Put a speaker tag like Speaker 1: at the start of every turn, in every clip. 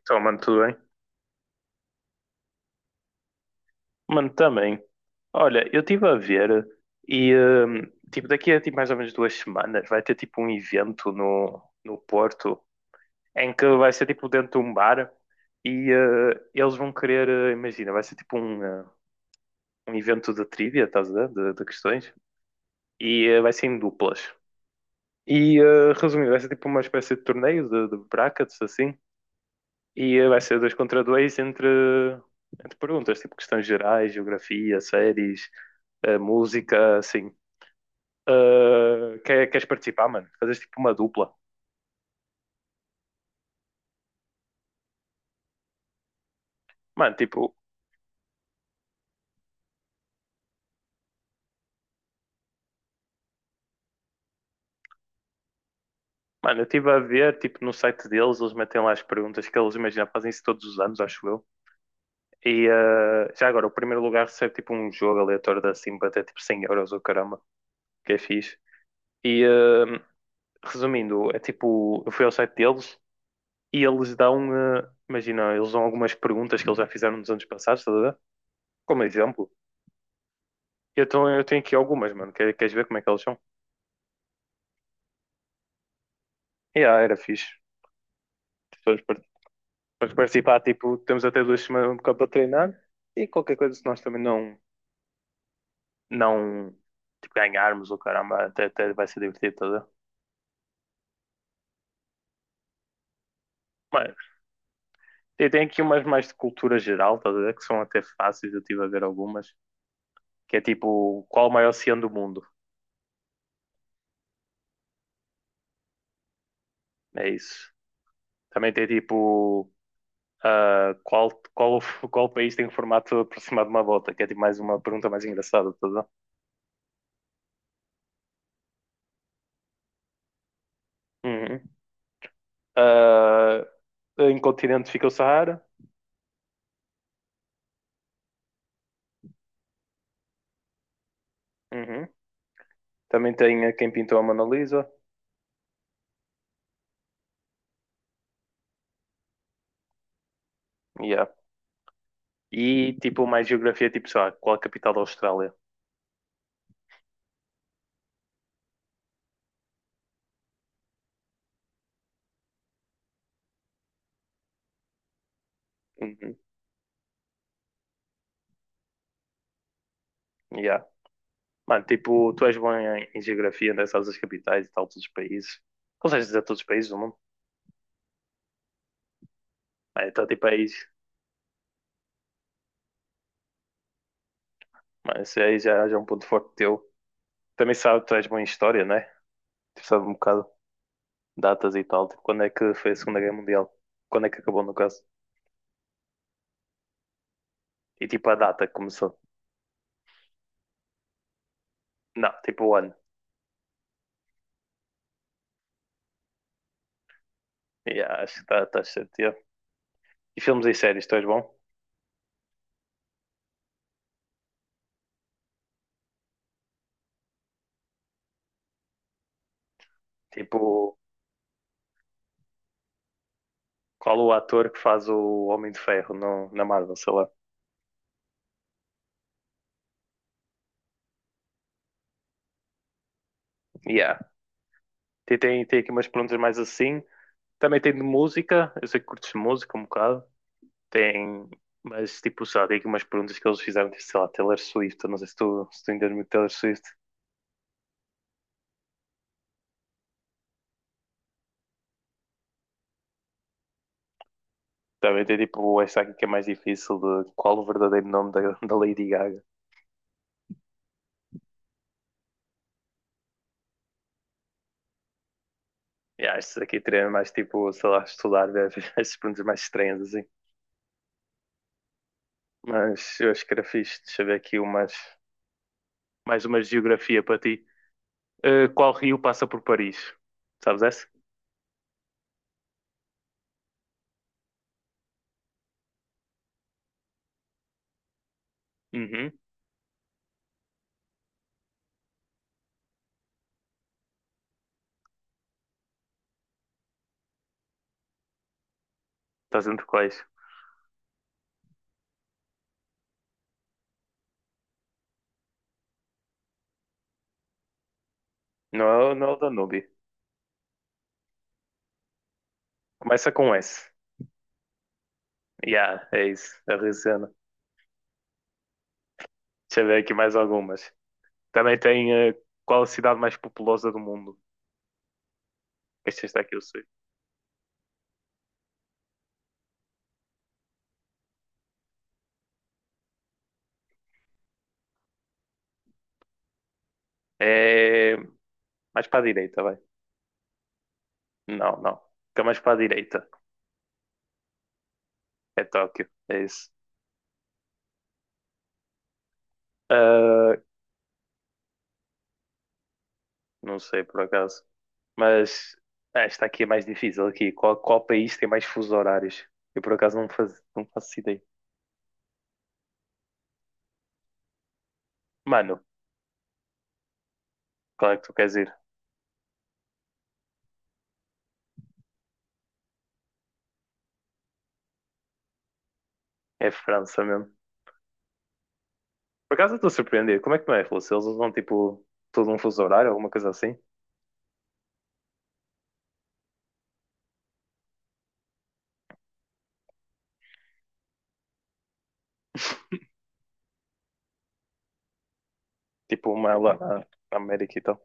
Speaker 1: Então, mano, tudo bem? Mano, também. Olha, eu estive a ver e, hum, tipo, daqui a mais ou menos 2 semanas vai ter, tipo, um evento no Porto em que vai ser, tipo, dentro de um bar e eles vão querer, imagina, vai ser, tipo, um evento de trivia, estás a ver? De questões. E vai ser em duplas. Resumindo, vai ser, tipo, uma espécie de torneio de brackets, assim. E vai ser dois contra dois entre perguntas, tipo, questões gerais, geografia, séries a música, assim. Queres participar, mano? Fazes tipo uma dupla. Mano, tipo, mano, eu estive a ver, tipo, no site deles, eles metem lá as perguntas que eles, imagina, fazem isso todos os anos, acho eu. E já agora, o primeiro lugar recebe tipo um jogo aleatório da Simba, até tipo 100 euros, ou caramba, que é fixe. E uh, Resumindo, é tipo, eu fui ao site deles e eles dão, imagina, eles dão algumas perguntas que eles já fizeram nos anos passados, estás a ver? Como exemplo. Eu tenho aqui algumas, mano, queres ver como é que elas são? E yeah, era fixe. pessoas par- Para participar, tipo, temos até 2 semanas um para treinar e qualquer coisa, se nós também não tipo, ganharmos o caramba, até, até vai ser divertido, tá a ver? Mas e tem aqui umas mais de cultura geral, tá a ver? Que são até fáceis, eu estive a ver algumas, que é tipo, qual o maior oceano do mundo? É isso. Também tem tipo, ah, qual, qual, qual país tem o formato aproximado de uma bota? Que é tipo mais uma pergunta mais engraçada, tá a ver? Uhum. Ah, em continente fica o Saara. Uhum. Também tem a quem pintou a Mona Lisa. Yeah. E tipo, mais geografia, tipo, sei lá, qual a capital da Austrália? Uhum. Yeah. Mano, tipo, tu és bom em, em geografia, né? Sabes as capitais e tal, todos os países. Consegues dizer todos os países do mundo? Ah, então, tipo, aí, mano, isso aí já é um ponto forte teu. Também sabe, tu és bom em história, né? Tu sabes um bocado datas e tal. Tipo, quando é que foi a Segunda Guerra Mundial? Quando é que acabou, no caso? E tipo, a data que começou? Não, tipo, o ano. Yeah, acho que estás tá certo. Yeah. E filmes e séries, tu és bom? Tipo, qual o ator que faz o Homem de Ferro na Marvel, sei lá. Yeah. Tem aqui umas perguntas mais assim. Também tem de música. Eu sei que curtes música um bocado. Tem. Mas tipo, só tem aqui umas perguntas que eles fizeram, tipo, sei lá, Taylor Swift. Eu não sei se tu entendes muito Taylor Swift. Também tem tipo esta aqui que é mais difícil de qual o verdadeiro nome da Lady Gaga. Yeah, estes aqui teria mais tipo, sei lá, estudar ver essas perguntas mais estranhas assim. Mas eu acho que era fixe. Deixa eu ver aqui umas, mais uma geografia para ti. Qual rio passa por Paris? Sabes essa? Uhum. Estás entre quais? Não é, não é o Danúbio. Começa com S. Yeah, é isso. A rio. Deixa eu ver aqui mais algumas. Também tem qual a cidade mais populosa do mundo? Este está aqui, eu sei. É mais para a direita, vai. Não, não. Fica mais para a direita. É Tóquio. É isso. Ah, não sei por acaso. Mas ah, esta aqui é mais difícil aqui. Qual país tem mais fusos horários? Eu por acaso não não faço ideia. Mano, qual é que tu queres ir? É França mesmo. Por acaso eu estou surpreendido. Como é que não é, Filipe? Se eles usam tipo todo um fuso horário, alguma coisa assim? Tipo uma lá na América e tal.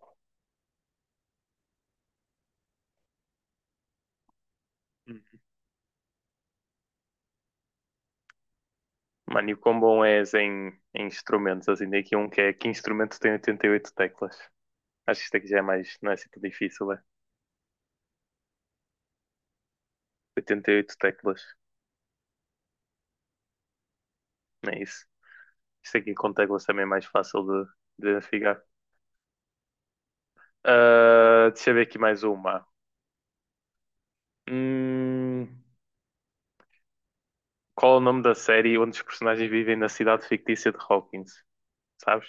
Speaker 1: Hum. Mano, e o quão bom és em, em instrumentos? Assim, tem aqui um que é que instrumento tem 88 teclas. Acho que isto aqui já é mais, não é assim tão difícil, é? 88 teclas, não é isso? Isto aqui com teclas também é mais fácil de identificar. Ah, deixa eu ver aqui mais uma. Hum, qual é o nome da série onde os personagens vivem na cidade fictícia de Hawkins? Sabes?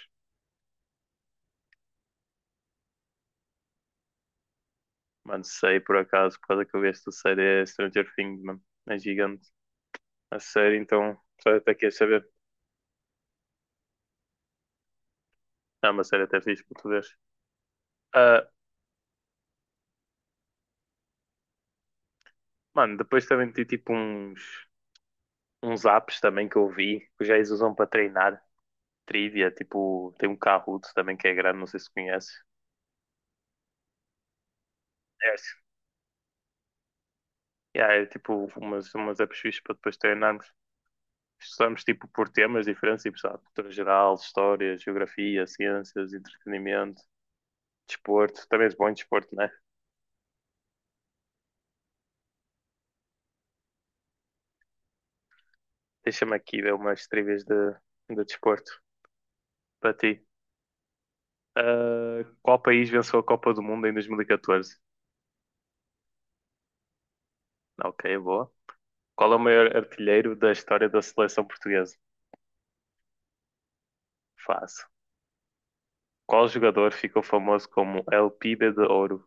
Speaker 1: Mano, sei por acaso, por causa que eu vi esta série, é Stranger Things, mano. É gigante. A série, então, só até queres saber. É uma série até fixe para tu veres. Ah, mano, depois também tem tipo uns, uns apps também que eu vi, que os gays usam para treinar. Trivia, tipo, tem um Kahoot também que é grande, não sei se conhece. É, yeah, é tipo umas, umas apps fixas para depois treinarmos. Estudamos tipo por temas diferentes, tipo, sabe, cultura geral, história, geografia, ciências, entretenimento, desporto. Também és bom em desporto, né? Deixa-me aqui ver umas trivias de desporto para ti. Ah, qual país venceu a Copa do Mundo em 2014? Ok, boa. Qual é o maior artilheiro da história da seleção portuguesa? Fácil. Qual jogador ficou famoso como El Pibe de Ouro?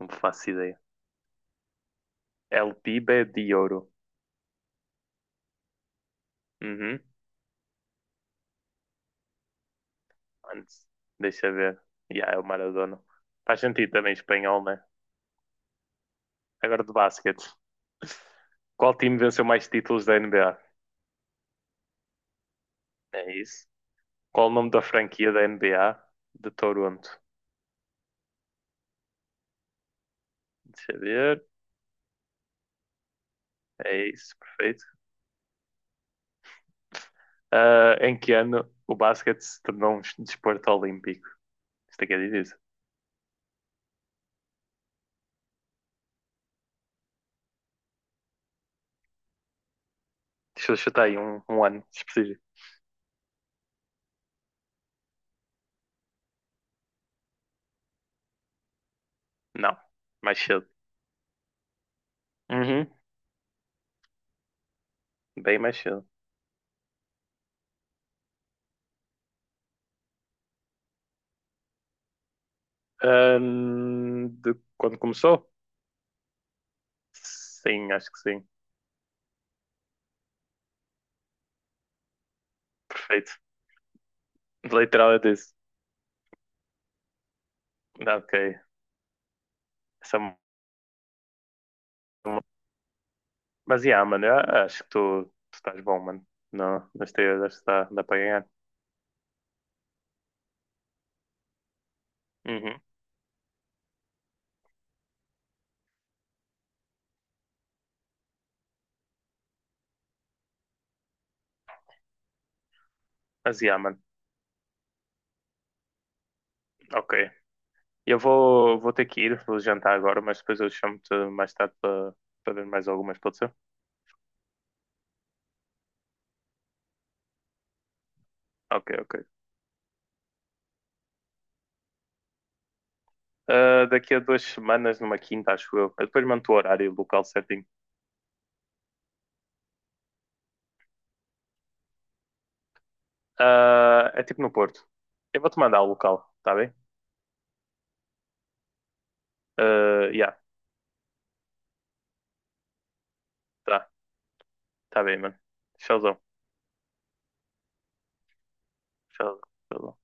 Speaker 1: Não faço ideia. El Pibe de Ouro. Uhum. Antes, deixa ver. Yeah, é o Maradona. Faz sentido também espanhol, né? Agora de basquete. Qual time venceu mais títulos da NBA? É isso. Qual o nome da franquia da NBA de Toronto? Deixa eu ver. É isso, perfeito. Ah, em que ano o basquete se tornou um desporto olímpico? Isto aqui é difícil. Deixa eu chutar aí um ano específico. Não, mais cedo. Uhum, bem mais cedo. De quando começou? Sim, acho que sim. Perfeito. Literal é disso. Ah, ok. Essa é uma. Mas, yeah, mano, eu acho que tu estás bom, mano. Não, nas teorias acho que dá para ganhar. Uhum. Mas, yeah, mano. Ok. Eu vou ter que ir, vou jantar agora, mas depois eu chamo-te mais tarde para para ver mais algumas, pode ser? Ok, ok. Ah, daqui a 2 semanas, numa quinta, acho eu. Eu depois mando o horário e o local certinho. Ah, é tipo no Porto. Eu vou-te mandar o local, tá bem? Ah, yeah, tá, tá bem, mano. Tchauzão, tchauzão, tchauzão.